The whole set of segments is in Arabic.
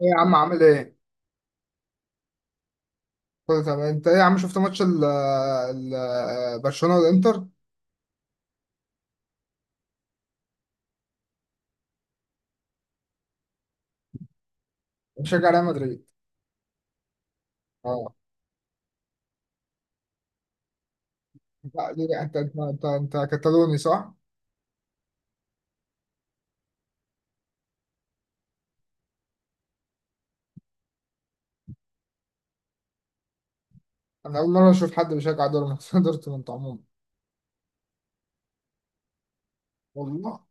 ايه يا عم عامل ايه؟ كله تمام، انت ايه يا عم؟ شفت ماتش برشلونة والانتر؟ بشجع ريال مدريد. اه. لا، ليه؟ انت انت كتالوني صح؟ انا اول مرة اشوف حد بيشجع دورتموند دورتموند عموما. والله.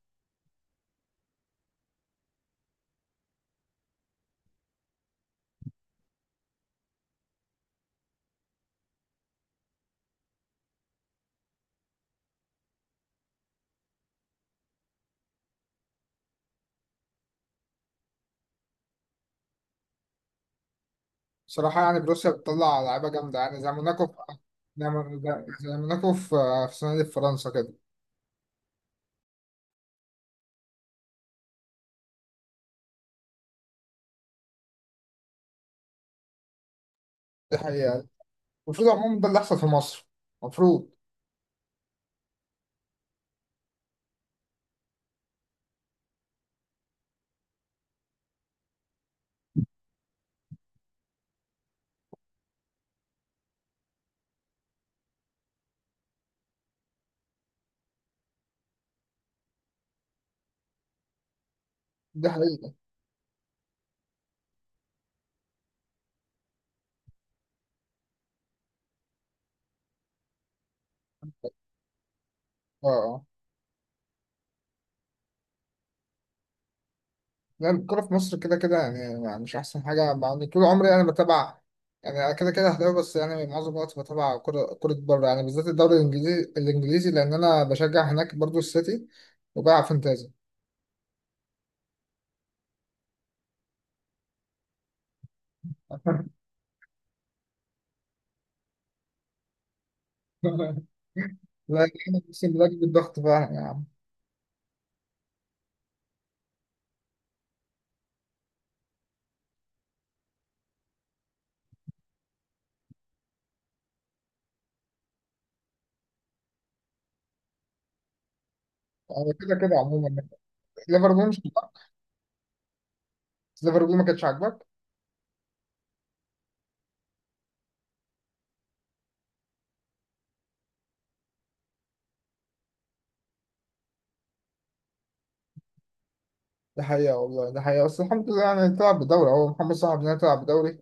بصراحة يعني بروسيا بتطلع لعيبة جامدة، يعني زي زي مون- زي موناكو في في السنة دي في فرنسا كده. دي حقيقة. المفروض عموما ده اللي يحصل في مصر، المفروض. دي حقيقة. اه اه. لا، الكورة في مصر كده كده يعني، يعني مش أحسن حاجة. يعني طول عمري أنا بتابع، يعني أنا كده كده أهلاوي، بس يعني معظم الوقت بتابع كرة كرة بره، يعني بالذات الدوري الإنجليزي. الإنجليزي لأن أنا بشجع هناك برضو السيتي، وبلعب فانتازي. لا يعني أقسم بالله بجيب الضغط فعلا يا عم. يعني كده كده عموما ليفربول مش عاجبك؟ ليفربول ما كانتش عاجبك. ده حقيقة والله، ده حقيقة، بس الحمد لله يعني تلعب بدوري، أهو محمد صلاح بينا تلعب بدوري،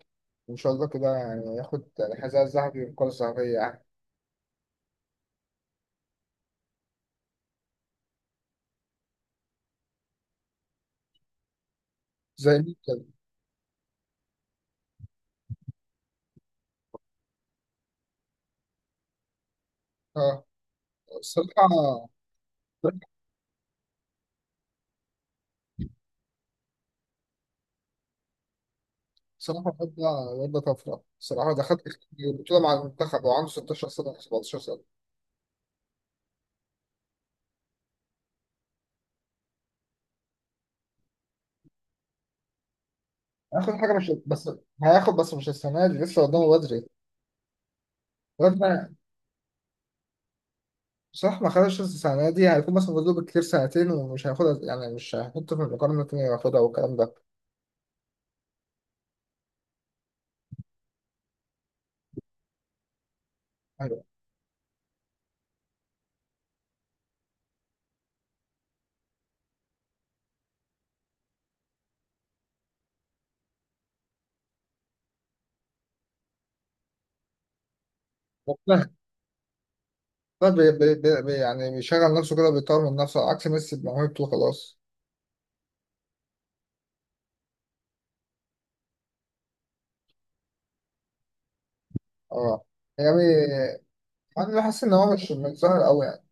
وإن شاء الله كده يعني ياخد الحذاء الذهبي والكرة الذهبية يعني. زي مين كده؟ بصراحة. بصراحة الواد ده، الواد ده طفرة بصراحة، دخلت البطولة مع المنتخب وعنده 16 سنة ولا 17 سنة. هياخد حاجة، مش بس هياخد، بس مش السنة دي، لسه قدامه بدري. الواد ده بصراحة ما خدش السنة دي، هيكون مثلا فاضل له بالكتير سنتين ومش هياخدها، يعني مش هيحطه في المقارنة التانية ياخدها والكلام ده. أيوة. مقتنع. ده يعني بيشغل نفسه كده، بيطور من نفسه، عكس ميسي بموهبته وخلاص. اه. يعني أنا بحس إن هو مش ظاهر أوي يعني.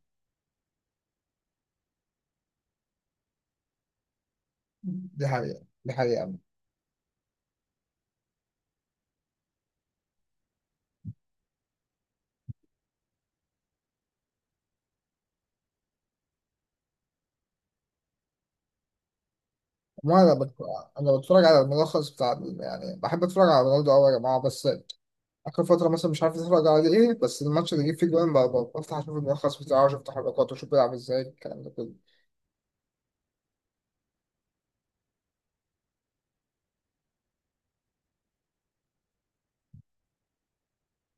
دي حقيقة، دي حقيقة. ما انا بت... انا بتفرج على الملخص بتاع يعني بحب اتفرج على رونالدو قوي يا جماعه، بس اخر فتره مثلا مش عارف اتفرج على ايه، بس الماتش اللي جه فيه جوان بفتح اشوف الملخص بتاعه واشوف تحركاته واشوف بيلعب ازاي الكلام ده كله.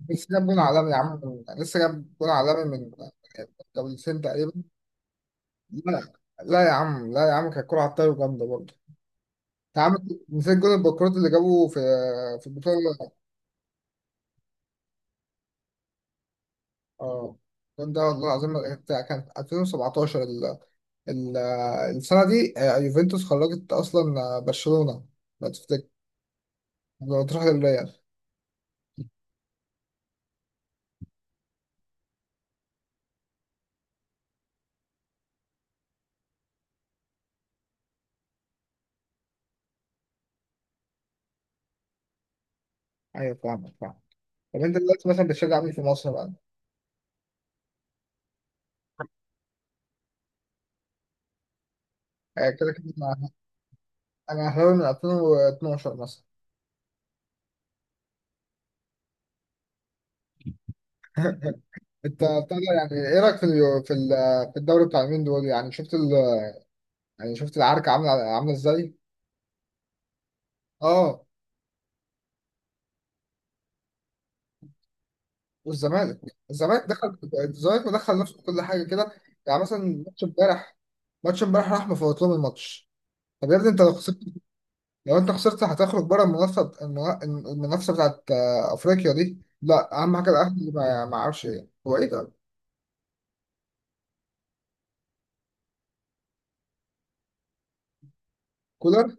بس جاب جون عالمي يا عم لسه جاب جون عالمي من جولتين تقريبا. لا. لا يا عم كانت كوره على الطاير جامده برضه. انت عامل نسيت جون البكرات اللي جابوه في في البطوله. اه. الجون ده والله العظيم كان 2017، ال- السنة دي يوفنتوس خرجت أصلا برشلونة، لو تفتكر، لو تروح للريال. أيوة فاهمك، فاهم. طب أنت دلوقتي مثلا بتشجع مين في مصر بقى؟ كده كده أنا، أنا أهلاوي من 2012 مثلا. أنت بتاع ده، يعني إيه رأيك في في الدوري بتاع اليومين دول؟ يعني شفت يعني شفت العركة عاملة عاملة إزاي؟ أه. والزمالك. الزمالك دخل، الزمالك مدخل نفسه في كل حاجة كده. يعني مثلا ماتش امبارح، ماتش امبارح راح مفوت لهم الماتش. طب يا ابني أنت لو خسرت، لو انت خسرت هتخرج بره المنافسه، المنافسه بتاعت افريقيا دي. لا، اهم حاجه الاهلي، ما ما اعرفش ايه هو ايه ده. كولر.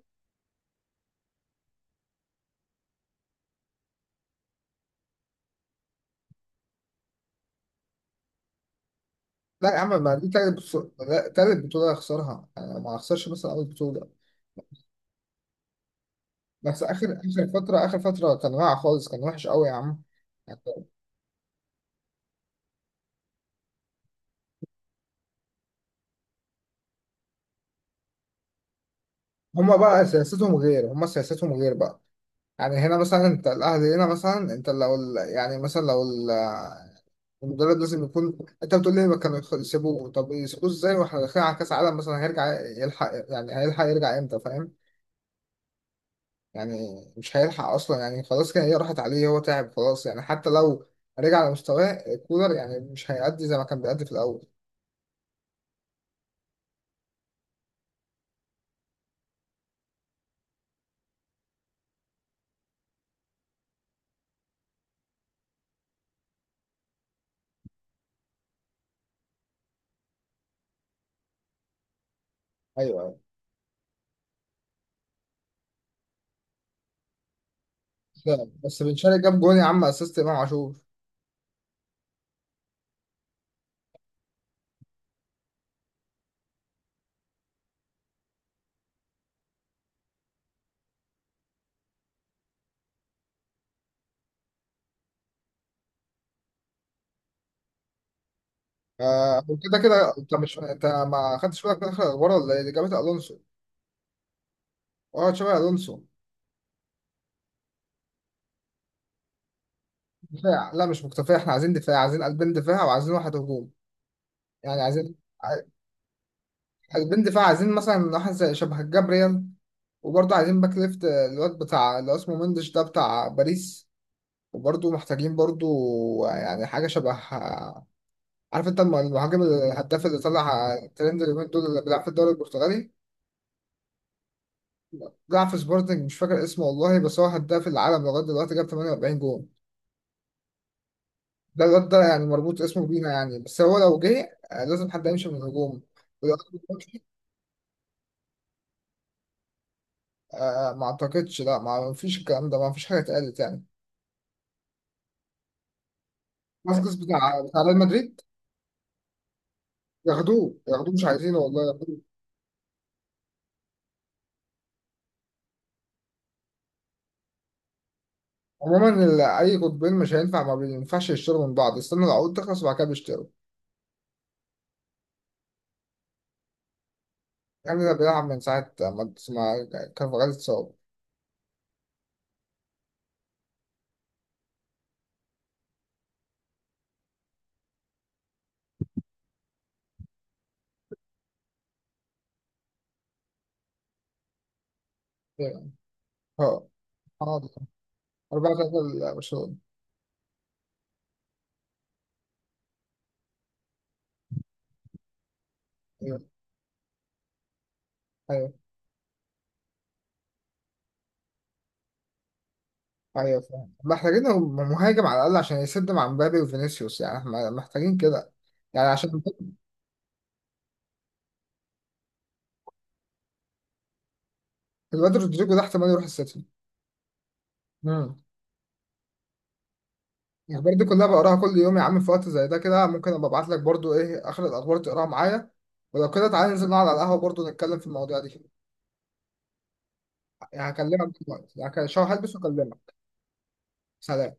لا يا عم، ما دي تالت بطوله، لا، تالت بطوله يخسرها، يعني ما اخسرش مثلا اول بطوله. بس اخر فتره كان واقع خالص، كان وحش قوي يا عم. هما بقى سياستهم غير هما سياستهم غير بقى. يعني هنا مثلا انت الاهلي، هنا مثلا انت لو يعني مثلا لو المدرب لازم يكون، انت بتقول لي ما كانوا يسيبوه، طب يسيبوه ازاي واحنا داخلين على كاس عالم مثلا؟ هيرجع يلحق، يعني هيلحق يرجع امتى؟ فاهم؟ يعني مش هيلحق اصلا، يعني خلاص كده هي راحت عليه، هو تعب خلاص، يعني حتى لو رجع على مستواه كولر يعني مش هيأدي زي ما كان بيأدي في الاول. ايوه ايوه. لا، بس بن شرقي جاب جون يا عم، اسيست امام عاشور. آه كده كده انت، مش انت ما خدتش بالك من اخر الاخبار ولا ايه اللي جابت الونسو؟ اه، تشابي الونسو. دفاع، لا مش مكتفي، احنا عايزين دفاع، عايزين قلبين دفاع وعايزين واحد هجوم، يعني عايزين قلبين دفاع، عايزين مثلا واحد زي شبه جابريال، وبرضه عايزين باك ليفت، الواد بتاع اللي هو اسمه مندش ده بتاع باريس، وبرضه محتاجين برضه يعني حاجة شبه، عارف انت المهاجم الهداف اللي طلع ترند اليومين دول، اللي بيلعب في الدوري البرتغالي، بيلعب في سبورتنج، مش فاكر اسمه والله، بس هو هداف العالم لغاية دلوقتي، جاب 48 جون. ده الواد ده يعني مربوط اسمه بينا يعني، بس هو لو جه لازم حد يمشي من الهجوم. ولو- ما اعتقدش، لا، ما فيش الكلام ده، ما فيش حاجة اتقالت يعني. فاسكيز بتاع ريال مدريد. ياخدوه، ياخدوه مش عايزينه والله ياخدوه. عموما اي قطبين مش هينفع، ما بينفعش يشتروا من بعض، استنوا العقود تخلص وبعد كده بيشتروا. يعني ده بيلعب من ساعة ما كارفاغال اتصاب. ايوه. اه. ده. أربعة تلاتة برشلونة. ايوه. ايوه ايوه فاهم، محتاجين مهاجم على الأقل عشان يسد مع مبابي وفينيسيوس، يعني احنا محتاجين كده يعني عشان. الواد رودريجو ده احتمال يروح السيتي. مم. الأخبار دي كلها بقراها كل يوم يا عم، في وقت زي ده كده ممكن أبقى أبعت لك برضو إيه آخر الأخبار تقراها معايا. ولو كده تعالى ننزل نقعد على القهوة برضو نتكلم في المواضيع دي. يعني هكلمك دلوقتي يعني، هلبس وأكلمك. سلام.